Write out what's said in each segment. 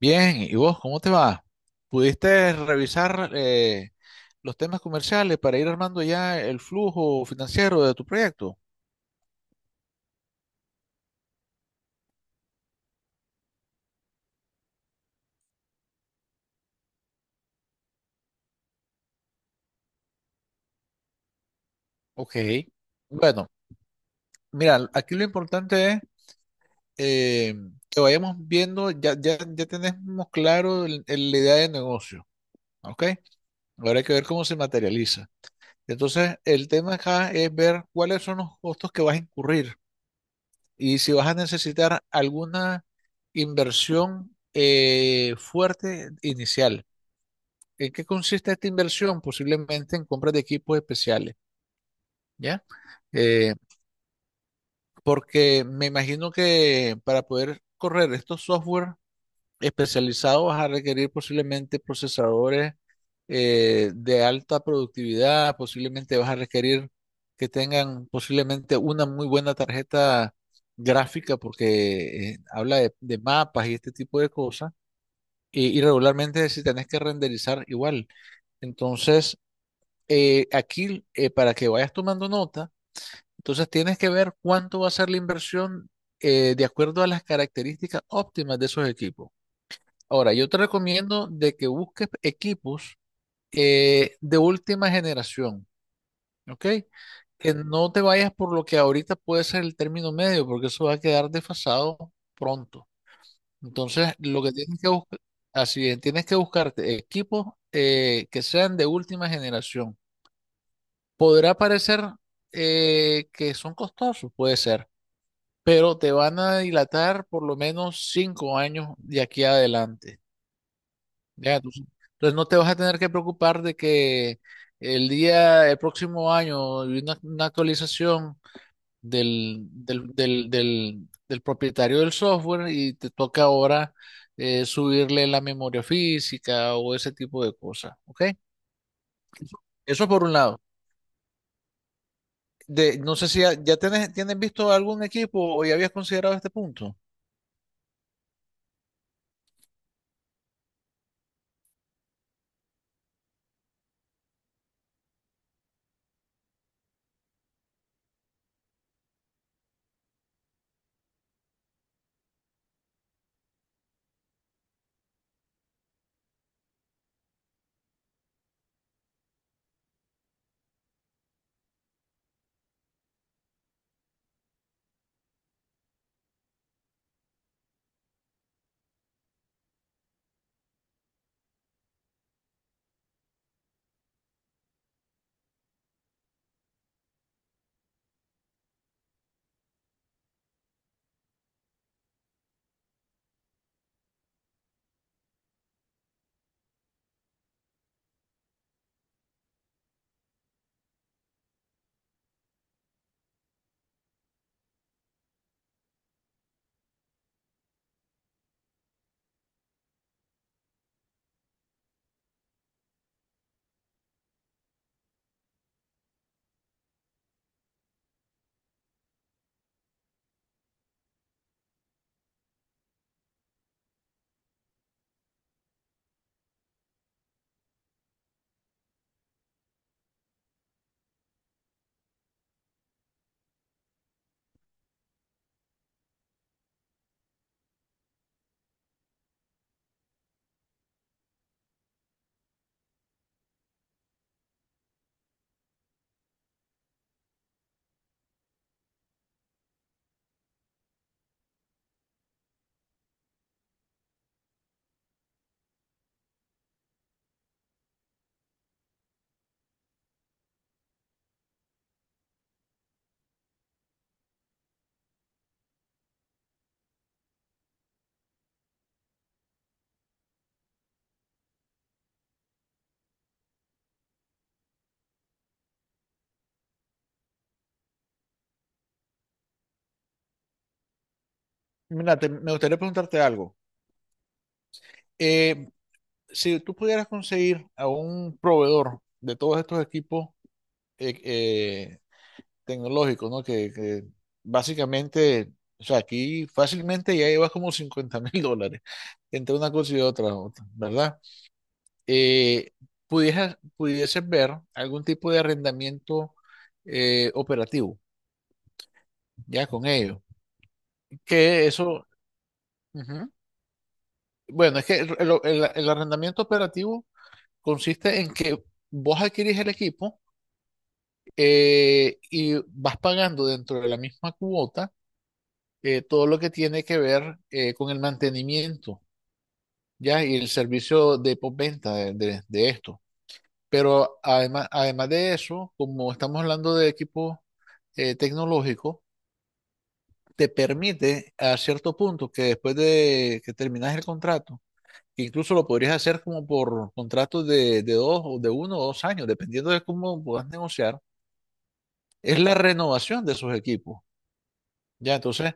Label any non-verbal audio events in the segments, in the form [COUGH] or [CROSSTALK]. Bien, ¿y vos cómo te va? ¿Pudiste revisar los temas comerciales para ir armando ya el flujo financiero de tu proyecto? Ok. Bueno, mira, aquí lo importante es eh, que vayamos viendo. Ya tenemos claro la idea de negocio, ¿ok? Ahora hay que ver cómo se materializa. Entonces, el tema acá es ver cuáles son los costos que vas a incurrir. Y si vas a necesitar alguna inversión fuerte inicial, ¿en qué consiste esta inversión? Posiblemente en compras de equipos especiales, ¿ya? Eh, porque me imagino que para poder correr estos software especializados vas a requerir posiblemente procesadores de alta productividad, posiblemente vas a requerir que tengan posiblemente una muy buena tarjeta gráfica porque habla de mapas y este tipo de cosas. Y regularmente si tenés que renderizar igual. Entonces, aquí, para que vayas tomando nota, entonces tienes que ver cuánto va a ser la inversión de acuerdo a las características óptimas de esos equipos. Ahora, yo te recomiendo de que busques equipos de última generación, ¿ok? Que no te vayas por lo que ahorita puede ser el término medio, porque eso va a quedar desfasado pronto. Entonces, lo que tienes que buscar, así es, tienes que buscarte equipos que sean de última generación. Podrá parecer que son costosos, puede ser, pero te van a dilatar por lo menos 5 años de aquí adelante. Ya, tú- entonces no te vas a tener que preocupar de que el próximo año hay una actualización del propietario del software y te toca ahora subirle la memoria física o ese tipo de cosas, ¿ok? Eso por un lado. No sé si ya tienes visto algún equipo o ya habías considerado este punto. Mira, me gustaría preguntarte algo. Eh, si tú pudieras conseguir a un proveedor de todos estos equipos, eh, eh, tecnológico, ¿no? Que básicamente, o sea, aquí fácilmente ya llevas como 50 [LAUGHS] mil dólares entre una cosa y otra, ¿verdad? Eh, pudieses ver algún tipo de arrendamiento operativo, ya con ello. Que eso, ujú. Bueno, es que el arrendamiento operativo consiste en que vos adquirís el equipo y vas pagando dentro de la misma cuota todo lo que tiene que ver con el mantenimiento, ¿ya? Y el servicio de postventa de esto. Pero además, además de eso, como estamos hablando de equipo tecnológico, te permite a cierto punto que después de que terminas el contrato, que incluso lo podrías hacer como por contratos de dos o de uno o dos años, dependiendo de cómo puedas negociar, es la renovación de esos equipos. Ya, entonces,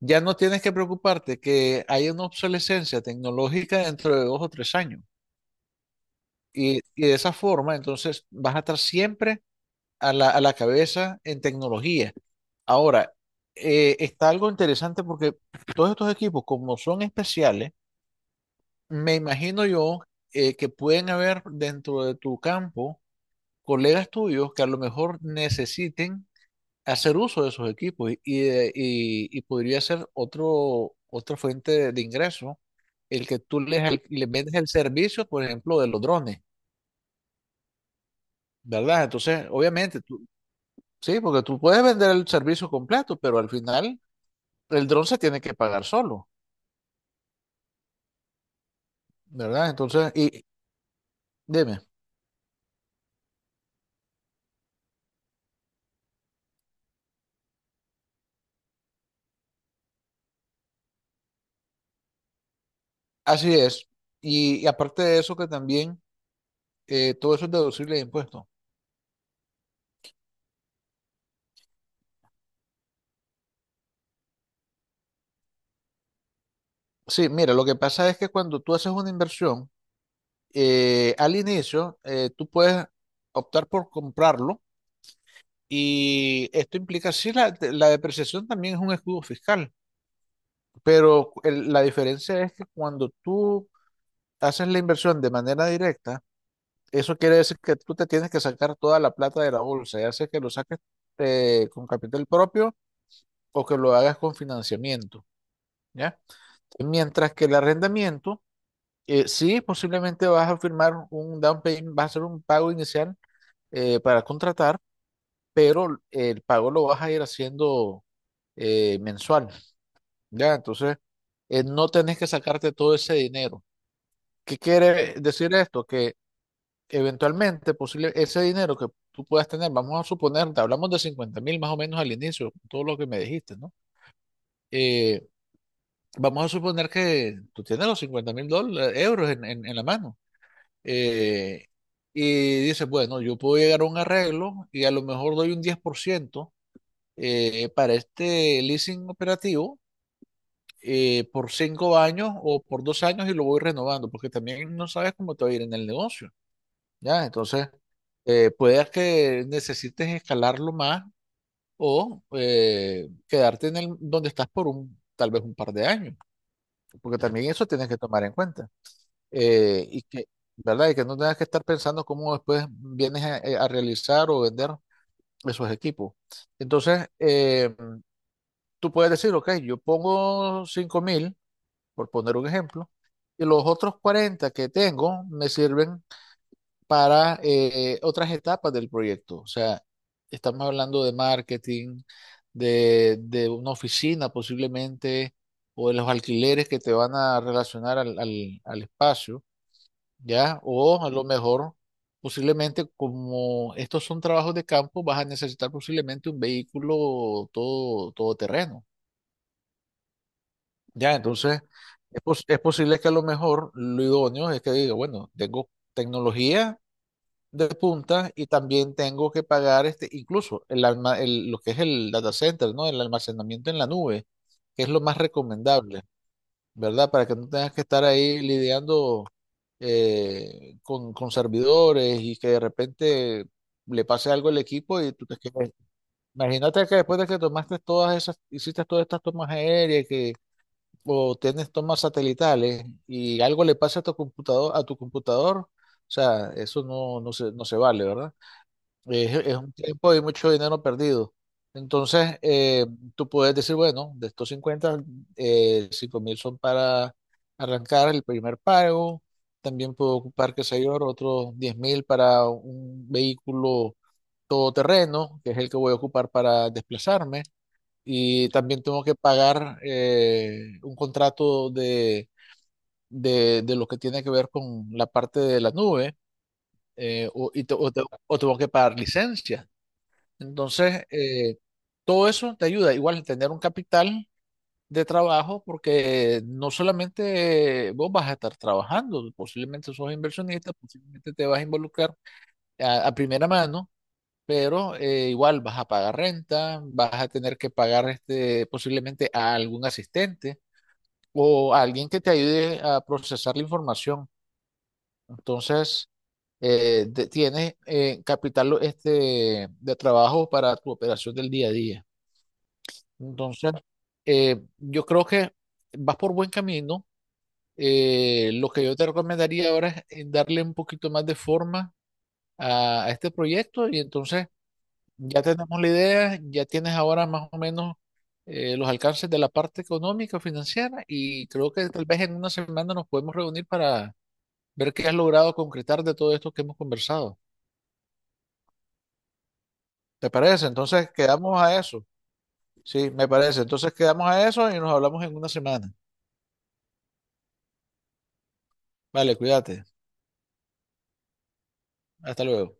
ya no tienes que preocuparte que hay una obsolescencia tecnológica dentro de 2 o 3 años. Y de esa forma, entonces, vas a estar siempre a la cabeza en tecnología. Ahora, está algo interesante porque todos estos equipos, como son especiales, me imagino yo que pueden haber dentro de tu campo colegas tuyos que a lo mejor necesiten hacer uso de esos equipos y podría ser otra fuente de ingreso, el que tú les vendes el servicio, por ejemplo, de los drones, ¿verdad? Entonces, obviamente, tú, sí, porque tú puedes vender el servicio completo, pero al final el dron se tiene que pagar solo, ¿verdad? Entonces, y dime, así es. Y aparte de eso, que también todo eso es deducible de impuestos. Sí, mira, lo que pasa es que cuando tú haces una inversión, al inicio, tú puedes optar por comprarlo y esto implica, sí, la depreciación también es un escudo fiscal, pero la diferencia es que cuando tú haces la inversión de manera directa, eso quiere decir que tú te tienes que sacar toda la plata de la bolsa, ya sea que lo saques con capital propio o que lo hagas con financiamiento, ¿ya? Mientras que el arrendamiento, sí, posiblemente vas a firmar un down payment, vas a hacer un pago inicial para contratar, pero el pago lo vas a ir haciendo mensual, ¿ya? Entonces, no tenés que sacarte todo ese dinero. ¿Qué quiere decir esto? Que eventualmente, posible, ese dinero que tú puedas tener, vamos a suponer, te hablamos de 50,000 más o menos al inicio, todo lo que me dijiste, ¿no? Eh, vamos a suponer que tú tienes los 50,000 euros en la mano. eh, y dices, bueno, yo puedo llegar a un arreglo y a lo mejor doy un 10% para este leasing operativo por 5 años o por 2 años y lo voy renovando, porque también no sabes cómo te va a ir en el negocio, ¿ya? Entonces, puedes que necesites escalarlo más o quedarte en el, donde estás por tal vez un par de años, porque también eso tienes que tomar en cuenta. Eh, y que, ¿Verdad? Y que no tengas que estar pensando cómo después vienes a realizar o vender esos equipos. Entonces, tú puedes decir, ok, yo pongo 5,000, por poner un ejemplo, y los otros 40 que tengo me sirven para otras etapas del proyecto. O sea, estamos hablando de marketing, de una oficina posiblemente, o de los alquileres que te van a relacionar al espacio, ¿ya? O a lo mejor, posiblemente, como estos son trabajos de campo, vas a necesitar posiblemente un vehículo todo, todo Ya, entonces es, es posible que a lo mejor lo idóneo es que diga, bueno, tengo tecnología de punta y también tengo que pagar este, incluso lo que es el data center, ¿no? El almacenamiento en la nube, que es lo más recomendable, ¿verdad? Para que no tengas que estar ahí lidiando con servidores y que de repente le pase algo al equipo y tú te quedes. Imagínate que después de que tomaste todas esas, hiciste todas estas tomas aéreas o tienes tomas satelitales y algo le pasa a tu computador, o sea, eso no se vale, ¿verdad? Es un tiempo y mucho dinero perdido. Entonces, tú puedes decir, bueno, de estos 50 5 mil son para arrancar el primer pago. También puedo ocupar, qué sé yo, otros 10,000 para un vehículo todoterreno, que es el que voy a ocupar para desplazarme, y también tengo que pagar un contrato de lo que tiene que ver con la parte de la nube o, y te- o te- o tengo que pagar licencia. Entonces, todo eso te ayuda igual a tener un capital de trabajo porque no solamente vos vas a estar trabajando, posiblemente sos inversionista, posiblemente te vas a involucrar a primera mano. Pero igual vas a pagar renta, vas a tener que pagar este, posiblemente a algún asistente, o alguien que te ayude a procesar la información. Entonces, tienes capital este, de trabajo para tu operación del día a día. Entonces, yo creo que vas por buen camino. Lo que yo te recomendaría ahora es darle un poquito más de forma a este proyecto y entonces ya tenemos la idea, ya tienes ahora más o menos los alcances de la parte económica, financiera y creo que tal vez en una semana nos podemos reunir para ver qué has logrado concretar de todo esto que hemos conversado. ¿Te parece? Entonces quedamos a eso. Sí, me parece. Entonces quedamos a eso y nos hablamos en una semana. Vale, cuídate. Hasta luego.